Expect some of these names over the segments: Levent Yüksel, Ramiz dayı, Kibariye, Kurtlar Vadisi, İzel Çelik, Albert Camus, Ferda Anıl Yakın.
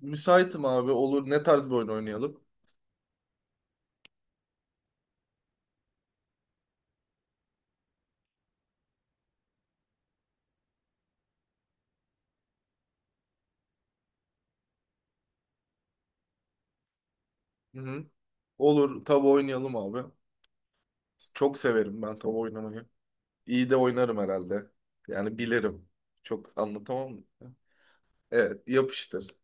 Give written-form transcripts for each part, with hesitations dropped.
Müsaitim abi olur. Ne tarz bir oyun oynayalım? Hı hı. Olur. Tabu oynayalım abi. Çok severim ben tabu oynamayı. İyi de oynarım herhalde. Yani bilirim. Çok anlatamam. Evet yapıştır.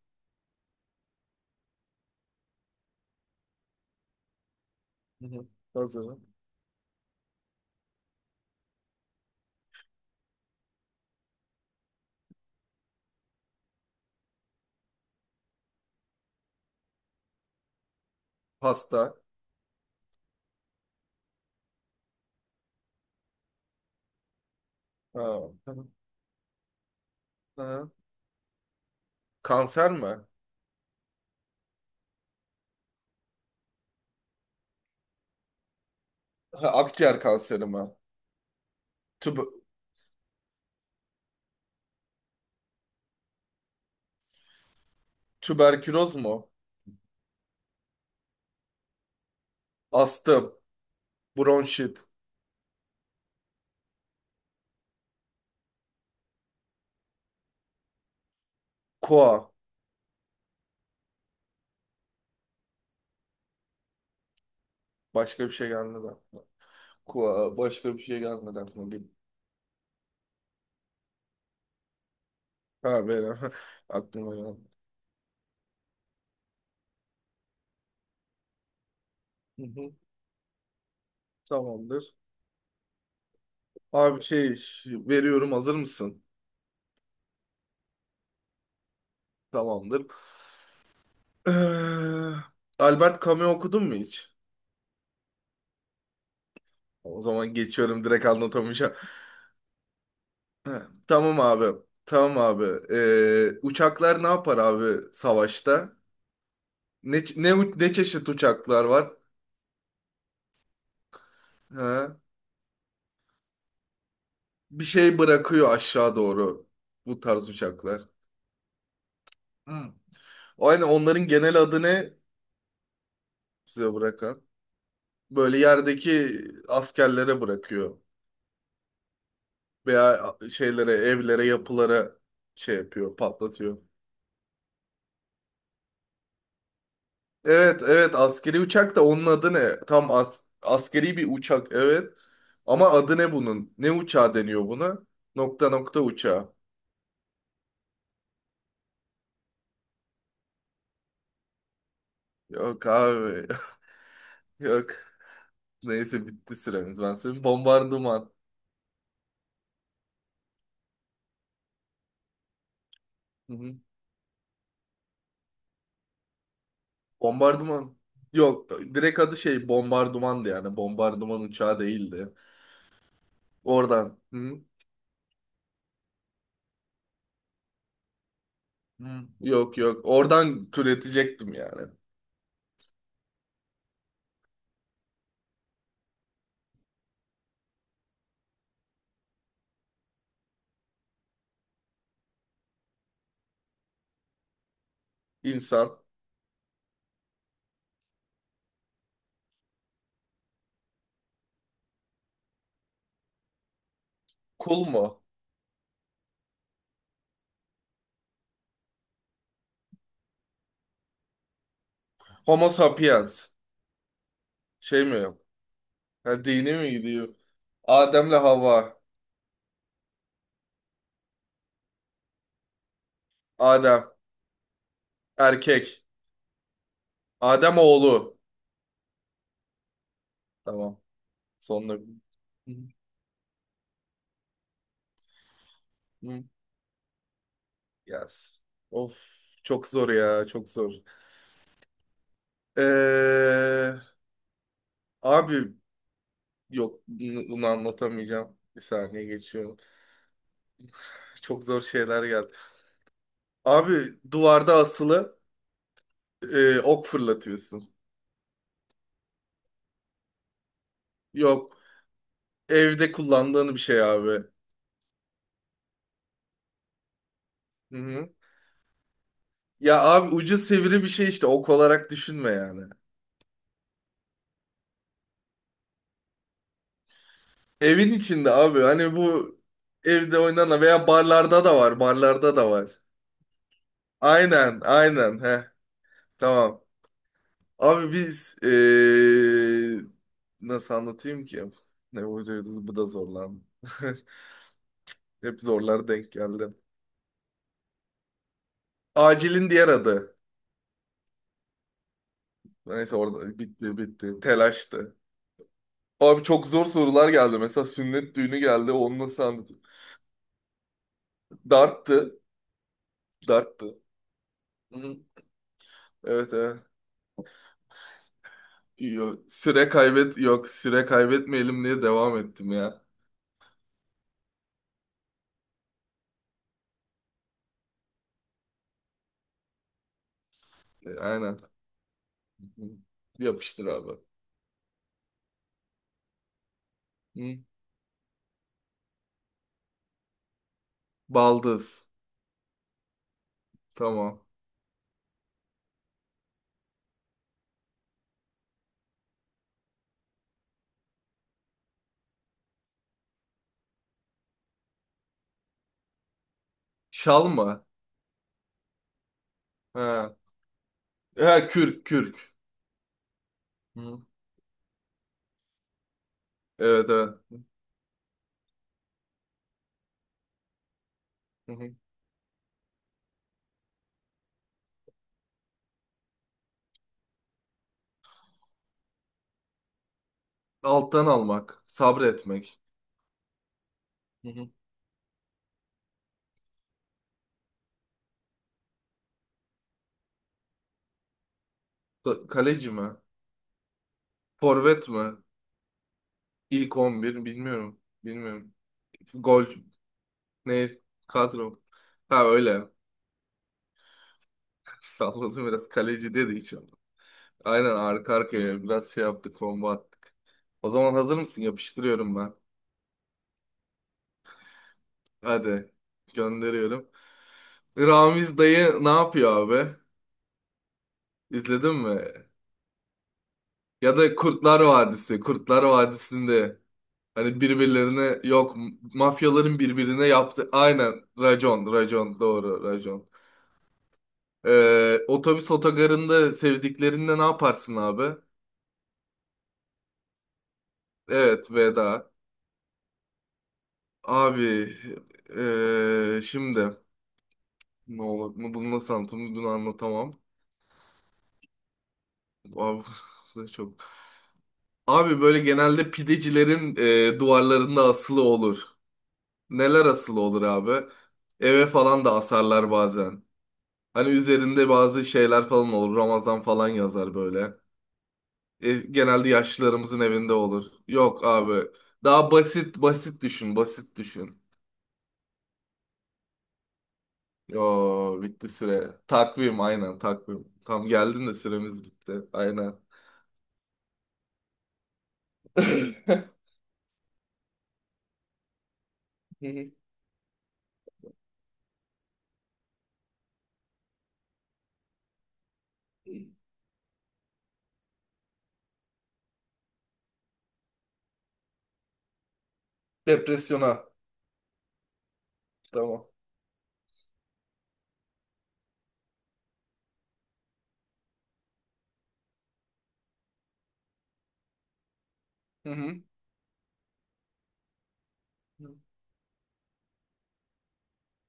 Hı hı. Hazırım. Pasta. Ha. Hı hı. Hı. Kanser mi? Ha, akciğer kanseri mi? Tüb- tüberküloz mu? Astım. Bronşit. Koa. Başka bir şey gelmedi aklıma. Koa. Başka bir şey gelmedi aklıma. Ha benim. Aklıma geldi. Hı hı. Tamamdır. Abi şey veriyorum hazır mısın? Tamamdır. Ee, Albert Camus'u okudun mu hiç? O zaman geçiyorum direkt anlatamayacağım. Ha, tamam abi. Tamam abi. Uçaklar ne yapar abi savaşta? Ne ç- ne u- Ne çeşit uçaklar var? Ha? Bir şey bırakıyor aşağı doğru bu tarz uçaklar. Hmm. O yani onların genel adı ne size bırakan? Böyle yerdeki askerlere bırakıyor veya şeylere, evlere, yapılara şey yapıyor, patlatıyor. Evet evet, askeri uçak da onun adı ne? Tam askeri bir uçak evet. Ama adı ne bunun? Ne uçağı deniyor buna? Nokta nokta uçağı. Yok abi. Yok. Neyse bitti süremiz. Ben senin bombardıman. Hı hı. Bombardıman. Yok, direkt adı şey bombardımandı yani. Bombardıman uçağı değildi. Oradan. Hı. Hı. Yok yok. Oradan türetecektim yani. İnsan. Kul mu? Homo sapiens. Şey mi? Ha, dine mi gidiyor? Adem'le Havva. Adem. Erkek. Adem oğlu. Tamam. Sonunda. Hı hı. Yes. Of. Çok zor ya. Çok zor. Ee, abi yok. Bunu anlatamayacağım. Bir saniye geçiyorum. Çok zor şeyler geldi. Abi, duvarda asılı ok fırlatıyorsun. Yok. Evde kullandığın bir şey abi. Hı hı. Ya abi, ucu sivri bir şey işte. Ok olarak düşünme yani. Evin içinde abi. Hani bu evde oynanan veya barlarda da var. Barlarda da var. Aynen, aynen. He, tamam. Abi biz nasıl anlatayım ki? Ne vuracağız, bu da zorlandı. Hep zorlar denk geldi. Acilin diğer adı. Neyse orada bitti bitti. Telaştı. Abi çok zor sorular geldi. Mesela sünnet düğünü geldi. Onu nasıl anlatayım? Darttı. Darttı. Hı hı. Evet evet. Yok, süre kaybet, yok süre kaybetmeyelim diye devam ettim ya. Aynen. Hı. Yapıştır abi. Hı. Baldız. Tamam. Şal mı? Ha. Ha, kürk kürk. Hı. Evet evet. Hı hı. Alttan almak. Sabretmek. Hı hı. Kaleci mi? Forvet mi? İlk 11 bilmiyorum. Bilmiyorum. Gol ne? Kadro. Ha öyle. Salladım biraz, kaleci dedi hiç. Aynen, arka arkaya biraz şey yaptık, combo attık. O zaman hazır mısın? Yapıştırıyorum ben. Hadi gönderiyorum. Ramiz dayı ne yapıyor abi? İzledin mi? Ya da Kurtlar Vadisi. Kurtlar Vadisi'nde hani birbirlerine, yok, mafyaların birbirine yaptı. Aynen, racon racon, doğru, racon. Otobüs otogarında sevdiklerinde ne yaparsın abi? Evet, veda. Abi şimdi. Ne olur mu, bunu nasıl anlatayım, bunu anlatamam. Abi, bu da çok. Abi böyle, genelde pidecilerin duvarlarında asılı olur. Neler asılı olur abi? Eve falan da asarlar bazen. Hani üzerinde bazı şeyler falan olur. Ramazan falan yazar böyle. Genelde yaşlılarımızın evinde olur. Yok abi. Daha basit basit düşün, basit düşün. Yo, bitti süre. Takvim, aynen takvim. Tam geldin de süremiz bitti. Aynen. Depresyona. Tamam. Hı hı.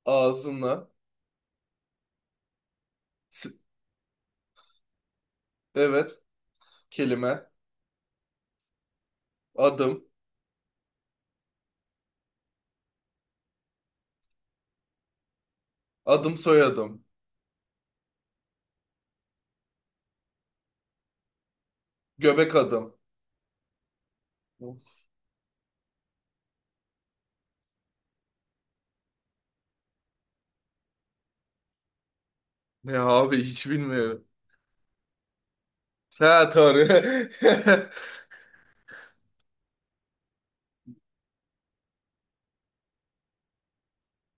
Ağzına. s- Evet. Kelime. Adım. Adım soyadım. Göbek adım. Ne abi, hiç bilmiyorum. Ha doğru.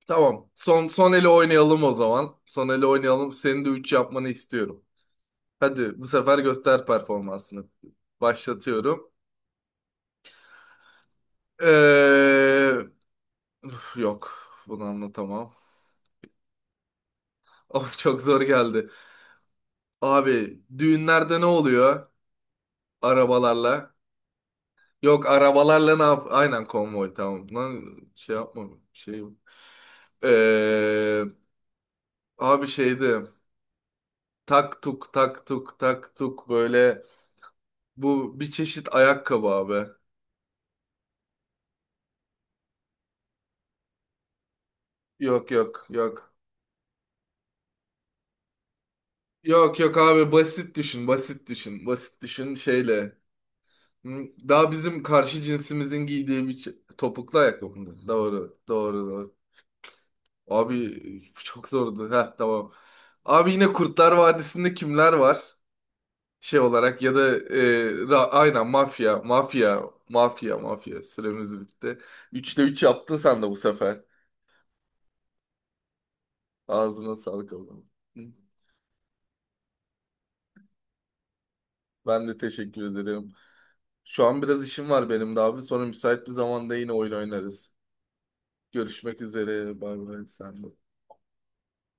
Tamam. Son son eli oynayalım o zaman. Son eli oynayalım. Senin de 3 yapmanı istiyorum. Hadi bu sefer göster performansını. Başlatıyorum. Ee, üf, yok. Bunu anlatamam. Of, çok zor geldi. Abi, düğünlerde ne oluyor? Arabalarla. Yok, arabalarla ne yap? Aynen, konvoy, tamam. Lan, şey yapma. Şey. Ee, abi şeydi. Tak tuk tak tuk tak tuk böyle. Bu bir çeşit ayakkabı abi. Yok yok yok. Yok yok abi, basit düşün, basit düşün. Basit düşün, şeyle. Hı, daha bizim karşı cinsimizin giydiği bir topuklu ayakkabı. Doğru doğru doğru. Abi çok zordu. Heh, tamam. Abi, yine Kurtlar Vadisi'nde kimler var? Şey olarak, ya da aynen, mafya mafya mafya mafya, süremiz bitti. Üçte 3 yaptın sen de bu sefer. Ağzına sağlık ablam. Hı. Ben de teşekkür ederim. Şu an biraz işim var benim de abi. Sonra müsait bir zamanda yine oyun oynarız. Görüşmek üzere. Bay bay. Sen de.